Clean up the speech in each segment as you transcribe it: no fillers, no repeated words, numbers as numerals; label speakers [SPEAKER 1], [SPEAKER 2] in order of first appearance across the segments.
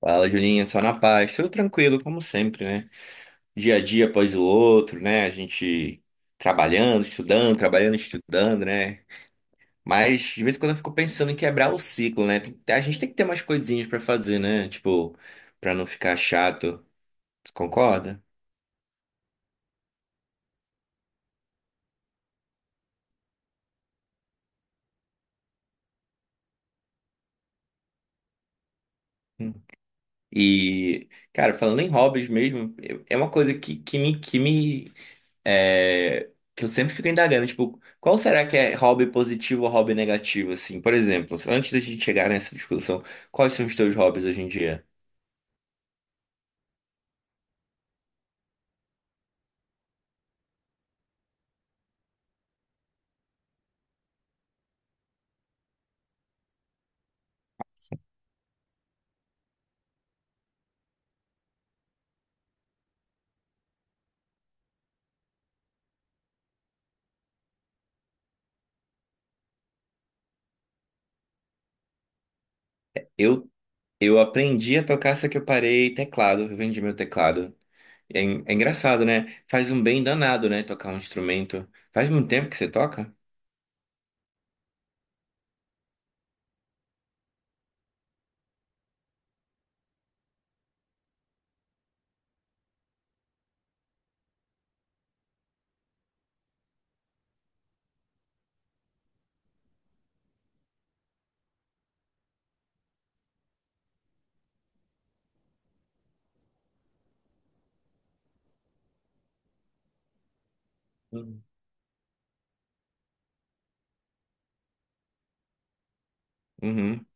[SPEAKER 1] Fala, Julinho, só na paz, tudo tranquilo, como sempre, né? Dia a dia após o outro, né? A gente trabalhando, estudando, né? Mas de vez em quando eu fico pensando em quebrar o ciclo, né? A gente tem que ter umas coisinhas pra fazer, né? Tipo, pra não ficar chato. Tu concorda? Hum. E, cara, falando em hobbies mesmo, é uma coisa que eu sempre fico indagando, tipo, qual será que é hobby positivo ou hobby negativo, assim? Por exemplo, antes da gente chegar nessa discussão, quais são os teus hobbies hoje em dia? Eu, eu aprendi a tocar, só que eu parei teclado, eu vendi meu teclado. É, é engraçado, né? Faz um bem danado, né? Tocar um instrumento. Faz muito tempo que você toca? Uhum. Uhum.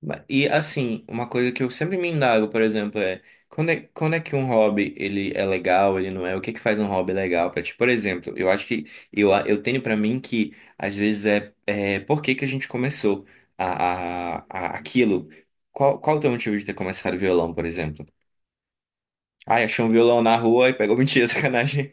[SPEAKER 1] E assim, uma coisa que eu sempre me indago, por exemplo, é quando é que um hobby ele é legal, ele não é? O que é que faz um hobby legal pra ti? Por exemplo, eu acho que eu tenho pra mim que às vezes é por que que a gente começou aquilo? Qual o teu motivo de ter começado violão, por exemplo? Ah, achou um violão na rua e pegou mentira, sacanagem.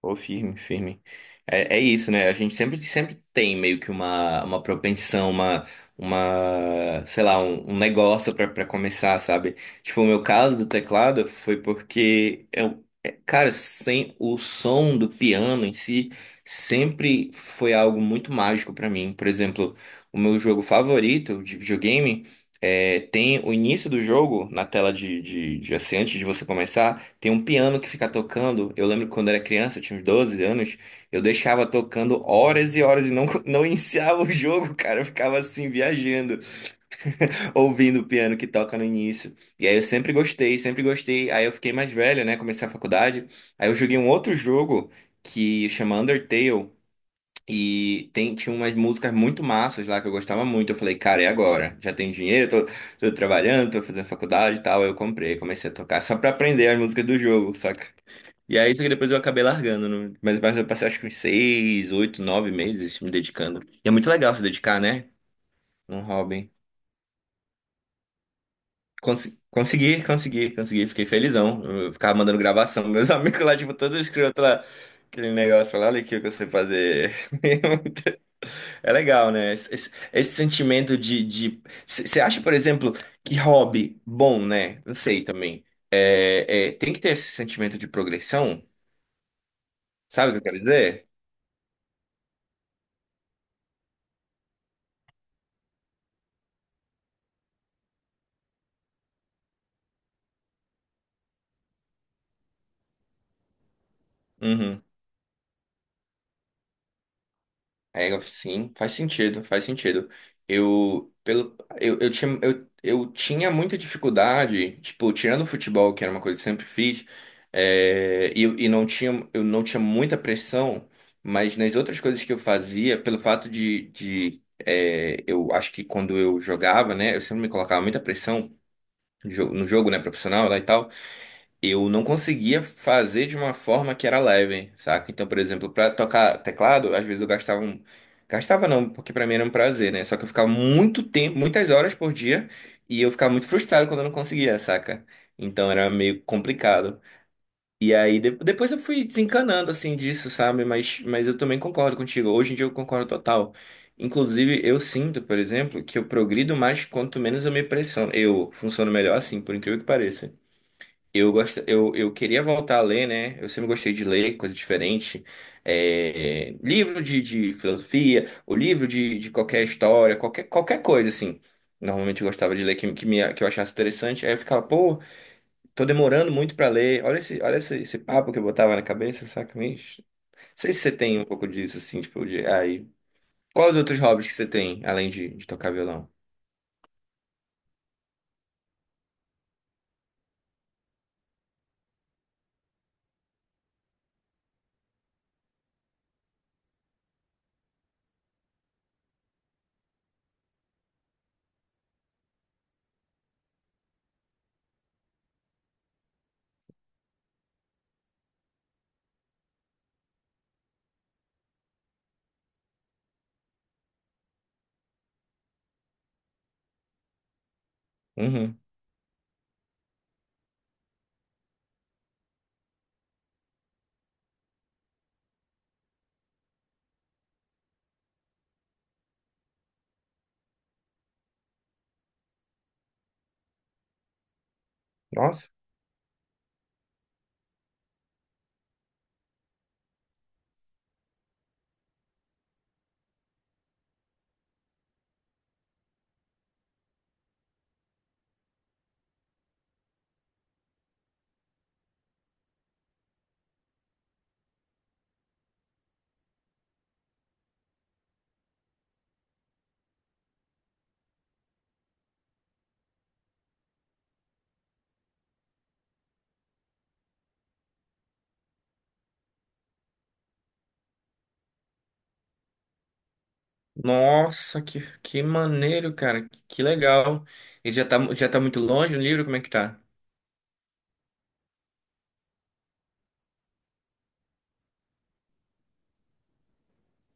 [SPEAKER 1] Pô, firme, firme. É, é isso, né? A gente sempre, sempre tem meio que uma propensão, sei lá, um negócio pra pra começar, sabe? Tipo, o meu caso do teclado foi porque eu, é, cara, sem o som do piano em si, sempre foi algo muito mágico pra mim. Por exemplo, o meu jogo favorito de videogame é, tem o início do jogo na tela de assim, antes de você começar. Tem um piano que fica tocando. Eu lembro que quando eu era criança, eu tinha uns 12 anos, eu deixava tocando horas e horas e não, não iniciava o jogo, cara. Eu ficava assim, viajando, ouvindo o piano que toca no início. E aí eu sempre gostei, sempre gostei. Aí eu fiquei mais velho, né? Comecei a faculdade. Aí eu joguei um outro jogo que chama Undertale. Tinha umas músicas muito massas lá que eu gostava muito. Eu falei, cara, é agora? Já tenho dinheiro, tô, tô trabalhando, tô fazendo faculdade e tal. Aí eu comprei, comecei a tocar só pra aprender as músicas do jogo, saca? E aí, só que depois eu acabei largando, né? Mas eu passei acho que uns 6, 8, 9 meses me dedicando. E é muito legal se dedicar, né? Um hobby. Consegui. Fiquei felizão. Eu ficava mandando gravação. Meus amigos lá, tipo, todos escrotos lá. Aquele negócio lá, olha aqui o que eu sei fazer. É legal, né? Esse sentimento de. Você acha, por exemplo, que hobby bom, né? Não sei também. É, é, tem que ter esse sentimento de progressão. Sabe o que eu quero dizer? Uhum. Sim, faz sentido, faz sentido. Eu, pelo, eu tinha muita dificuldade, tipo, tirando o futebol, que era uma coisa que eu sempre fiz, é, e não tinha, eu não tinha muita pressão, mas nas outras coisas que eu fazia, pelo fato eu acho que quando eu jogava, né, eu sempre me colocava muita pressão no jogo, né, profissional lá e tal, eu não conseguia fazer de uma forma que era leve, saca? Então, por exemplo, pra tocar teclado, às vezes eu gastava um... Gastava não, porque pra mim era um prazer, né? Só que eu ficava muito tempo, muitas horas por dia, e eu ficava muito frustrado quando eu não conseguia, saca? Então era meio complicado. Depois eu fui desencanando assim disso, sabe? Mas eu também concordo contigo. Hoje em dia eu concordo total. Inclusive, eu sinto, por exemplo, que eu progrido mais quanto menos eu me pressiono. Eu funciono melhor assim, por incrível que pareça. Eu queria voltar a ler, né? Eu sempre gostei de ler coisa diferente. É, livro de filosofia, o livro de qualquer história, qualquer, qualquer coisa, assim. Normalmente eu gostava de ler que eu achasse interessante. Aí eu ficava, pô, tô demorando muito pra ler. Olha esse, esse papo que eu botava na cabeça, saca? Não sei se você tem um pouco disso, assim, tipo, de. Aí. Quais outros hobbies que você tem, além de tocar violão? Uhum. Nossa. Nossa, que maneiro, cara. Que legal. Ele já tá, já tá muito longe o livro? Como é que tá?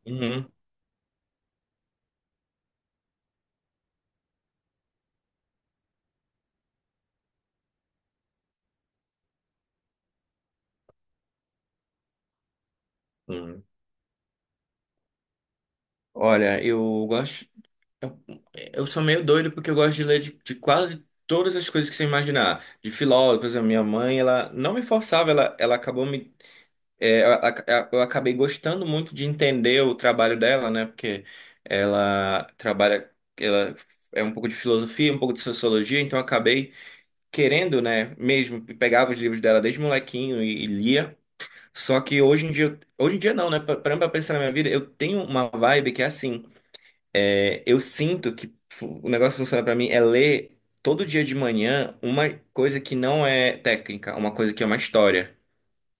[SPEAKER 1] Uhum. Uhum. Olha, eu gosto. Eu, eu sou meio doido porque eu gosto de ler de quase todas as coisas que você imaginar. De filósofos, a minha mãe, ela não me forçava, ela acabou me. É, eu acabei gostando muito de entender o trabalho dela, né? Porque ela trabalha. Ela é um pouco de filosofia, um pouco de sociologia, então eu acabei. Querendo, né, mesmo, pegava os livros dela desde molequinho e lia. Só que hoje em dia, hoje em dia não, né? Parando pra pensar na minha vida, eu tenho uma vibe que é assim, é, eu sinto que o negócio que funciona pra mim é ler todo dia de manhã uma coisa que não é técnica, uma coisa que é uma história.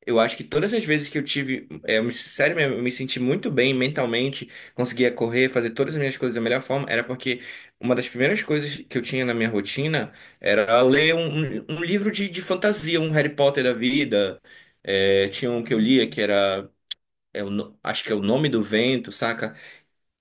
[SPEAKER 1] Eu acho que todas as vezes que eu tive, é, sério mesmo, eu me senti muito bem mentalmente, conseguia correr, fazer todas as minhas coisas da melhor forma, era porque uma das primeiras coisas que eu tinha na minha rotina era ler um livro de fantasia, um Harry Potter da vida. É, tinha um que eu lia que era, é o acho que é O Nome do Vento, saca?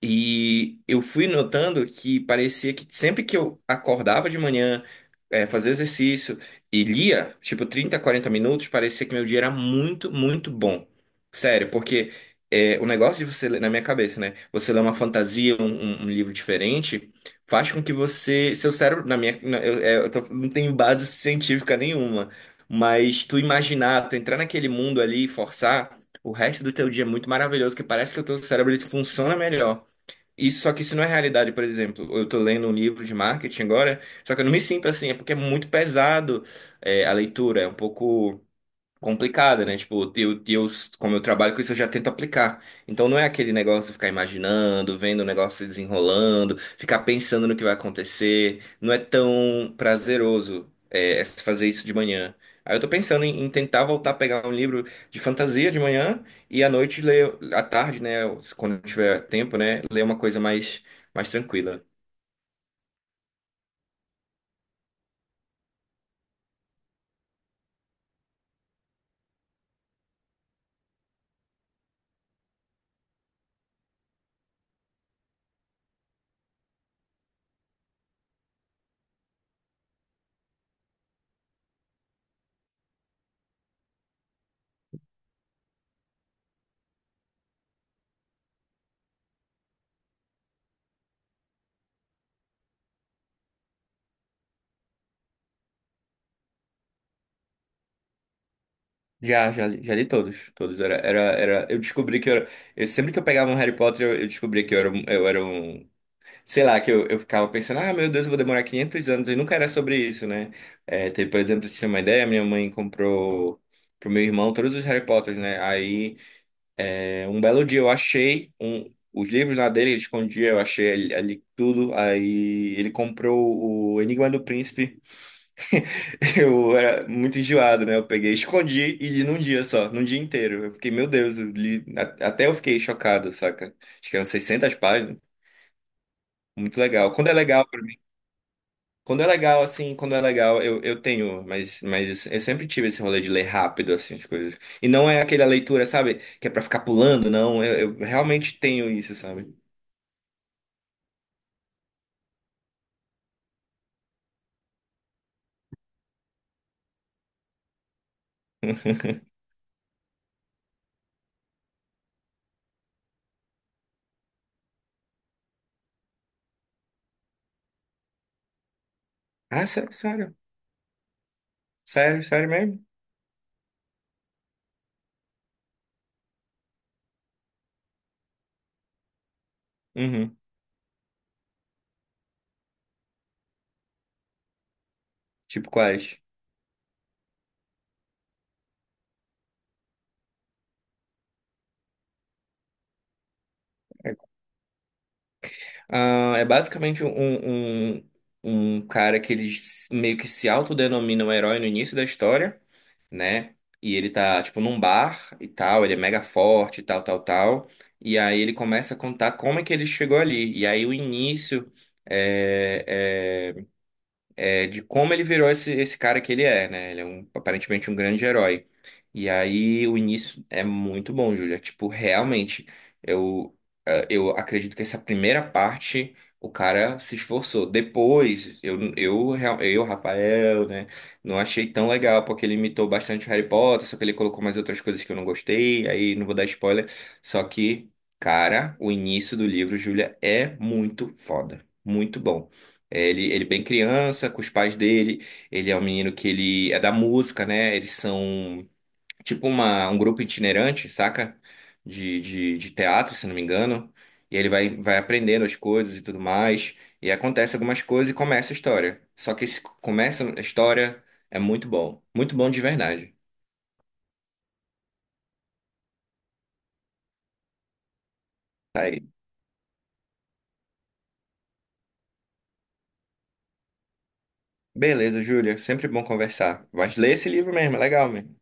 [SPEAKER 1] E eu fui notando que parecia que sempre que eu acordava de manhã, fazia exercício e lia, tipo 30, 40 minutos, parecia que meu dia era muito, muito bom. Sério, porque o negócio de você, na minha cabeça, né? Você ler uma fantasia, um livro diferente, faz com que você, seu cérebro, na minha, na- eu, eh, eu tô- não tenho base científica nenhuma, mas tu imaginar, tu entrar naquele mundo ali e forçar, o resto do teu dia é muito maravilhoso, que parece que o teu cérebro ele funciona melhor. Isso, só que isso não é realidade, por exemplo. Eu tô lendo um livro de marketing agora, só que eu não me sinto assim, é porque é muito pesado, é, a leitura, é um pouco complicada, né? Tipo, como eu trabalho com isso, eu já tento aplicar. Então não é aquele negócio de ficar imaginando, vendo o negócio se desenrolando, ficar pensando no que vai acontecer. Não é tão prazeroso é fazer isso de manhã. Aí eu tô pensando em tentar voltar a pegar um livro de fantasia de manhã e à noite ler, à tarde, né? Quando tiver tempo, né? Ler uma coisa mais, mais tranquila. Já li todos, todos. Era, eu descobri que eu era, sempre que eu pegava um Harry Potter, eu descobri que eu era, eu era sei lá, eu ficava pensando, ah, meu Deus, eu vou demorar 500 anos, e nunca era sobre isso, né? É, teve, por exemplo, se você tem uma ideia, minha mãe comprou pro meu irmão todos os Harry Potters, né? Aí, é, um belo dia eu achei os livros lá dele, ele escondia, eu achei ali, ali tudo, aí ele comprou o Enigma do Príncipe, eu era muito enjoado, né? Eu peguei, escondi e li num dia só, num dia inteiro. Eu fiquei, meu Deus, eu li, até eu fiquei chocado, saca? Acho que eram 600 páginas, muito legal. Quando é legal, assim, quando é legal, eu tenho, mas eu sempre tive esse rolê de ler rápido, assim, as coisas. E não é aquela leitura, sabe, que é pra ficar pulando, não. Eu realmente tenho isso, sabe? Ah, sério, sério. Sério, sério mesmo? Uhum. Tipo quais? Ah, é basicamente um cara que ele meio que se autodenomina um herói no início da história, né? E ele tá, tipo, num bar e tal, ele é mega forte, e tal, tal, tal. E aí ele começa a contar como é que ele chegou ali. E aí o início eh, eh, de como ele virou esse cara que ele é, né? Ele é um, aparentemente um grande herói. E aí o início é muito bom, Júlia. Tipo, realmente, eu, eu acredito que essa primeira parte o cara se esforçou. Depois, eu, Rafael, né? Não achei tão legal, porque ele imitou bastante Harry Potter, só que ele colocou mais outras coisas que eu não gostei. Aí não vou dar spoiler. Só que, cara, o início do livro, Júlia, é muito foda. Muito bom. Ele é bem criança, com os pais dele. Ele é um menino que ele é da música, né? Eles são tipo uma, um grupo itinerante, saca? De teatro, se não me engano. E ele vai aprendendo as coisas e tudo mais. E acontece algumas coisas e começa a história. Só que esse começa a história é muito bom. Muito bom de verdade. Tá aí. Beleza, Júlia. Sempre bom conversar. Mas lê esse livro mesmo, é legal mesmo.